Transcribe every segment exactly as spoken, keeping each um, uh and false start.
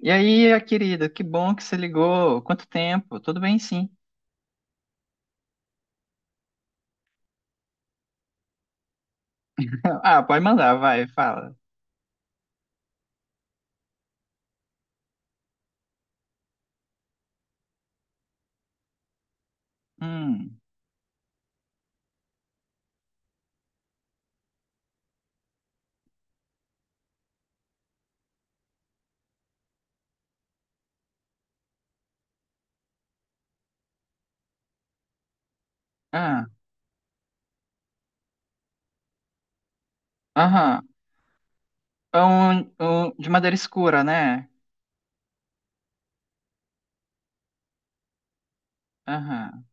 E aí, querida, que bom que você ligou. Quanto tempo? Tudo bem, sim. Ah, pode mandar, vai, fala. Hum, ah, aham. É, Um, um, de madeira escura, né? Aham.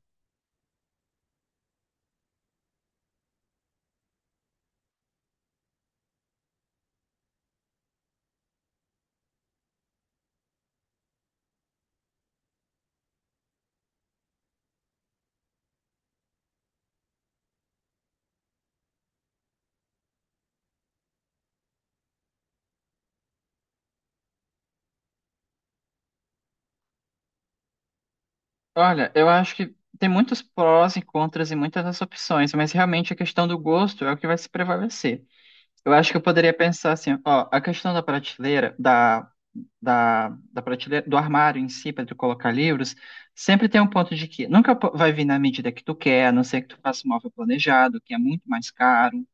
Olha, eu acho que tem muitos prós e contras e muitas das opções, mas realmente a questão do gosto é o que vai se prevalecer. Eu acho que eu poderia pensar assim, ó, a questão da prateleira, da da, da prateleira, do armário em si, para tu colocar livros, sempre tem um ponto de que nunca po- vai vir na medida que tu quer, a não ser que tu faça um móvel planejado, que é muito mais caro.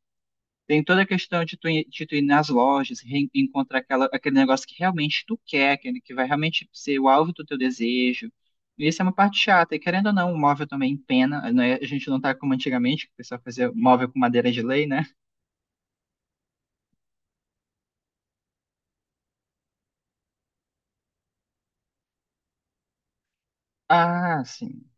Tem toda a questão de tu ir, de tu ir nas lojas, re- encontrar aquela, aquele negócio que realmente tu quer, aquele que vai realmente ser o alvo do teu desejo. E isso é uma parte chata, e querendo ou não, o móvel também empena, né? A gente não tá como antigamente, que o pessoal fazia móvel com madeira de lei, né? Ah, sim.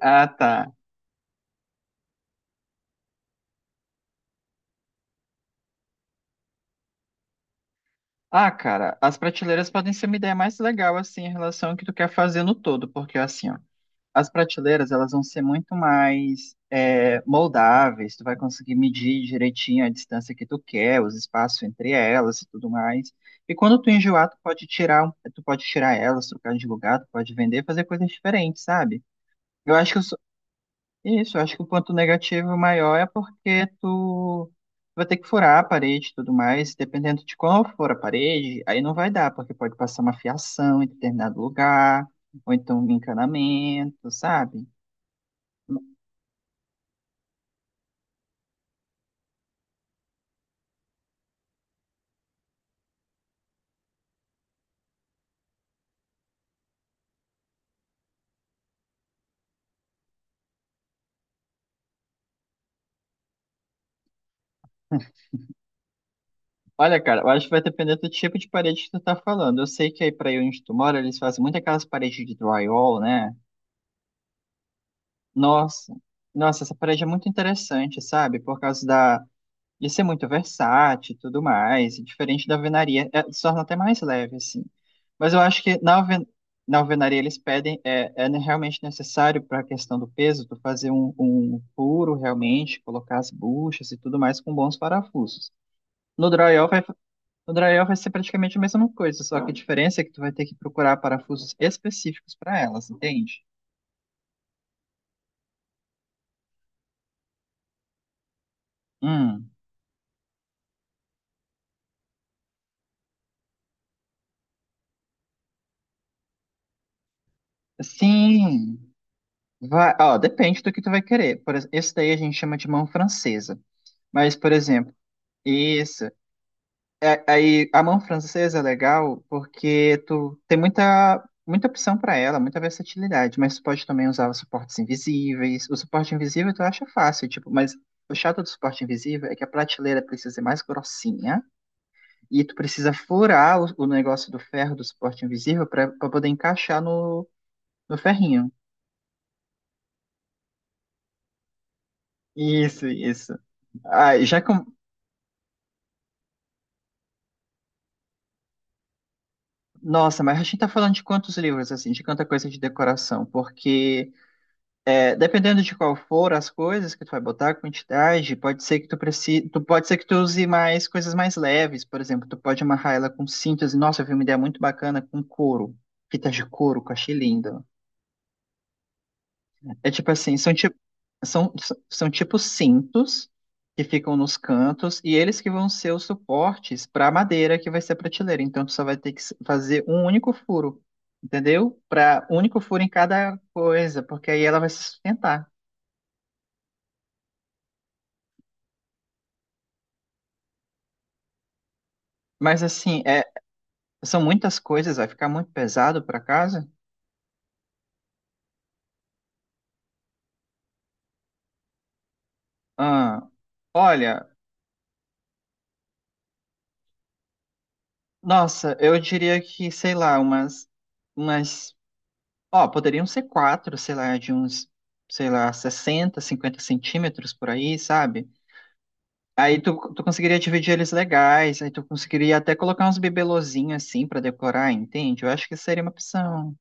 Ah, tá. Ah, cara, as prateleiras podem ser uma ideia mais legal, assim, em relação ao que tu quer fazer no todo, porque, assim, ó, as prateleiras, elas vão ser muito mais é, moldáveis, tu vai conseguir medir direitinho a distância que tu quer, os espaços entre elas e tudo mais. E quando tu enjoar, tu pode tirar, um, tu pode tirar elas, trocar de lugar, tu pode vender, fazer coisas diferentes, sabe? Eu acho que os Isso, eu acho que o ponto negativo maior é porque tu vai ter que furar a parede e tudo mais, dependendo de qual for a parede, aí não vai dar, porque pode passar uma fiação em determinado lugar, ou então um encanamento, sabe? Olha, cara, eu acho que vai depender do tipo de parede que tu tá falando. Eu sei que aí pra aí onde tu mora, eles fazem muito aquelas paredes de drywall, né? Nossa, nossa, essa parede é muito interessante, sabe? Por causa da. E ser muito versátil e tudo mais, e diferente da alvenaria, é, se torna até mais leve, assim. Mas eu acho que na, alven na alvenaria eles pedem, é, é ne- realmente necessário para a questão do peso, tu fazer um, um furo realmente, colocar as buchas e tudo mais com bons parafusos. No drywall vai, no drywall vai ser praticamente a mesma coisa, só que a diferença é que tu vai ter que procurar parafusos específicos para elas, entende? Hum, sim. Vai, ó, depende do que tu vai querer. Por exemplo, esse daí a gente chama de mão francesa. Mas, por exemplo, isso. É- aí a mão francesa é legal porque tu tem muita, muita opção para ela, muita versatilidade, mas tu pode também usar os suportes invisíveis. O suporte invisível tu acha fácil, tipo, mas o chato do suporte invisível é que a prateleira precisa ser mais grossinha e tu precisa furar o, o negócio do ferro do suporte invisível para poder encaixar no, no ferrinho. Isso, isso. Ah, já com... Nossa, mas a gente tá falando de quantos livros, assim, de quanta coisa de decoração, porque É, dependendo de qual for as coisas que tu vai botar, a quantidade, pode ser que tu precise, tu pode ser que tu use mais coisas mais leves, por exemplo, tu pode amarrar ela com cintas, e, nossa, eu vi uma ideia muito bacana com couro, fitas de couro, que eu achei linda. É tipo assim, são tipo, são, são, são tipo cintos que ficam nos cantos e eles que vão ser os suportes para a madeira que vai ser a prateleira, então tu só vai ter que s- fazer um único furo, entendeu? Para único furo em cada coisa, porque aí ela vai se sustentar. Mas assim, é, são muitas coisas, vai ficar muito pesado para casa? Ah, olha, nossa, eu diria que, sei lá, umas, umas, ó, poderiam ser quatro, sei lá, de uns, sei lá, sessenta, cinquenta centímetros por aí, sabe? Aí tu, tu conseguiria dividir eles legais, aí tu conseguiria até colocar uns bibelozinhos assim para decorar, entende? Eu acho que seria uma opção.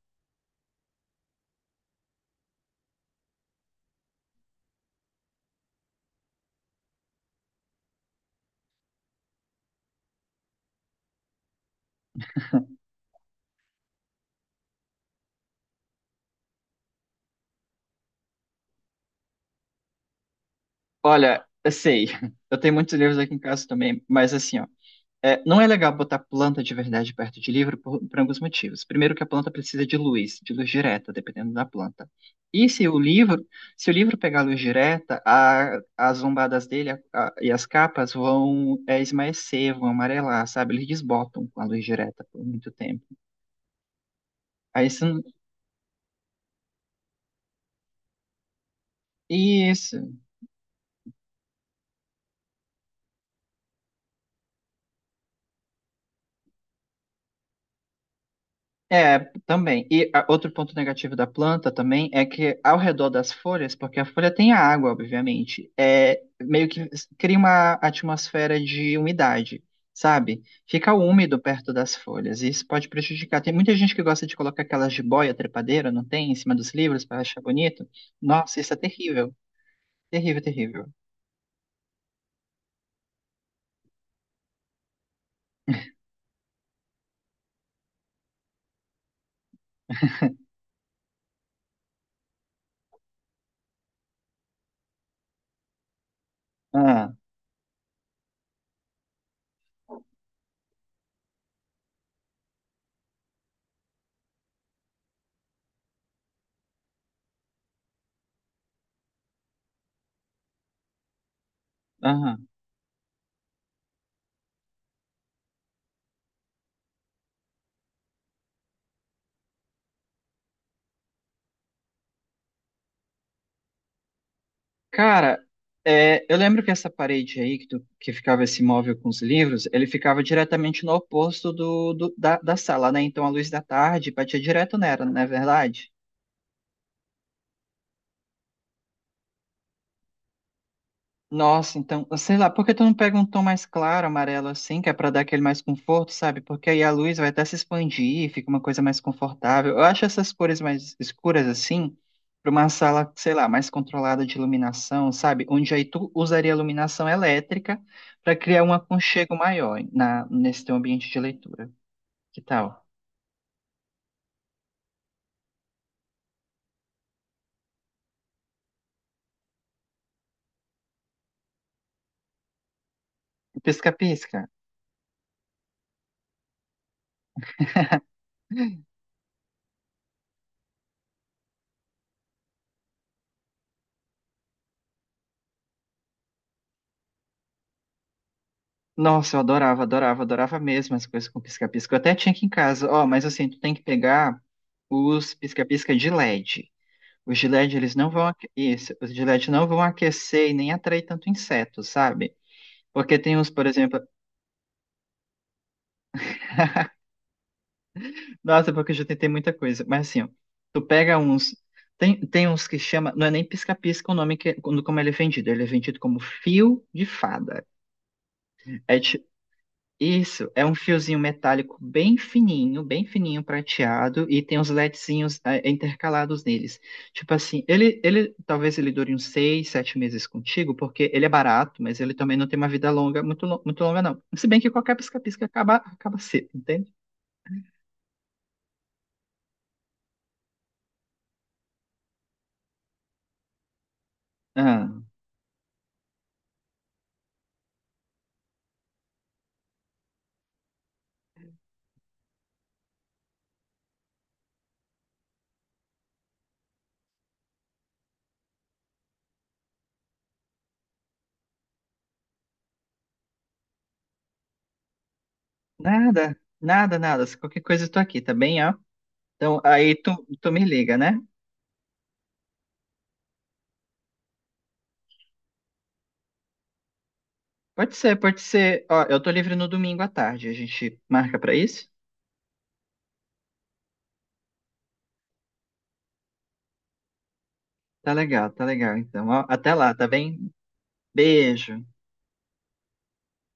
Olha, eu sei, eu tenho muitos livros aqui em casa também, mas assim, ó. É, não é legal botar planta de verdade perto de livro por, por alguns motivos. Primeiro, que a planta precisa de luz, de luz direta, dependendo da planta. E se o livro, se o livro pegar luz direta, a- as lombadas dele a- a- e as capas vão é, esmaecer, vão amarelar, sabe? Eles desbotam com a luz direta por muito tempo. Aí, isso, é, também. E a- outro ponto negativo da planta também é que ao redor das folhas, porque a folha tem a água, obviamente, é meio que s- cria uma atmosfera de umidade, sabe? Fica úmido perto das folhas e isso pode prejudicar. Tem muita gente que gosta de colocar aquelas jiboia trepadeira, não tem? Em cima dos livros para achar bonito. Nossa, isso é terrível. Terrível, terrível. Ah, aham. Cara, é, eu lembro que essa parede aí, que, tu- que ficava esse móvel com os livros, ele ficava diretamente no oposto do, do- da, da sala, né? Então a luz da tarde batia direto nela, não é verdade? Nossa, então, sei lá, por que tu não pega um tom mais claro, amarelo, assim, que é pra dar aquele mais conforto, sabe? Porque aí a luz vai até se expandir, fica uma coisa mais confortável. Eu acho essas cores mais escuras, assim, pra uma sala, sei lá, mais controlada de iluminação, sabe? Onde aí tu usaria iluminação elétrica pra criar um aconchego maior na, nesse teu ambiente de leitura. Que tal? Pisca-pisca. Nossa, eu adorava, adorava, adorava mesmo as coisas com pisca-pisca. Eu até tinha aqui em casa. Ó, mas assim, tu tem que pegar os pisca-pisca de LED. Os de LED, eles não vão... aque- isso, os de LED não vão aquecer e nem atrair tanto inseto, sabe? Porque tem uns, por exemplo... Nossa, porque eu já tentei muita coisa. Mas assim, ó, tu pega uns... Tem, tem uns que chama... Não é nem pisca-pisca o nome que, quando- como ele é vendido. Ele é vendido como fio de fada. Isso, é um fiozinho metálico bem fininho, bem fininho prateado e tem uns LEDzinhos eh, intercalados neles. Tipo assim, ele, ele talvez ele dure uns seis, sete meses contigo, porque ele é barato, mas ele também não tem uma vida longa, muito, lo- muito longa não. Se bem que qualquer pisca-pisca acaba, acaba cedo, entende? Ah, nada, nada, nada. Se qualquer coisa eu tô aqui, tá bem, ó? Então aí tu, tu me liga, né? Pode ser, pode ser. Ó, eu tô livre no domingo à tarde, a gente marca pra isso? Tá legal, tá legal. Então, ó, até lá, tá bem? Beijo.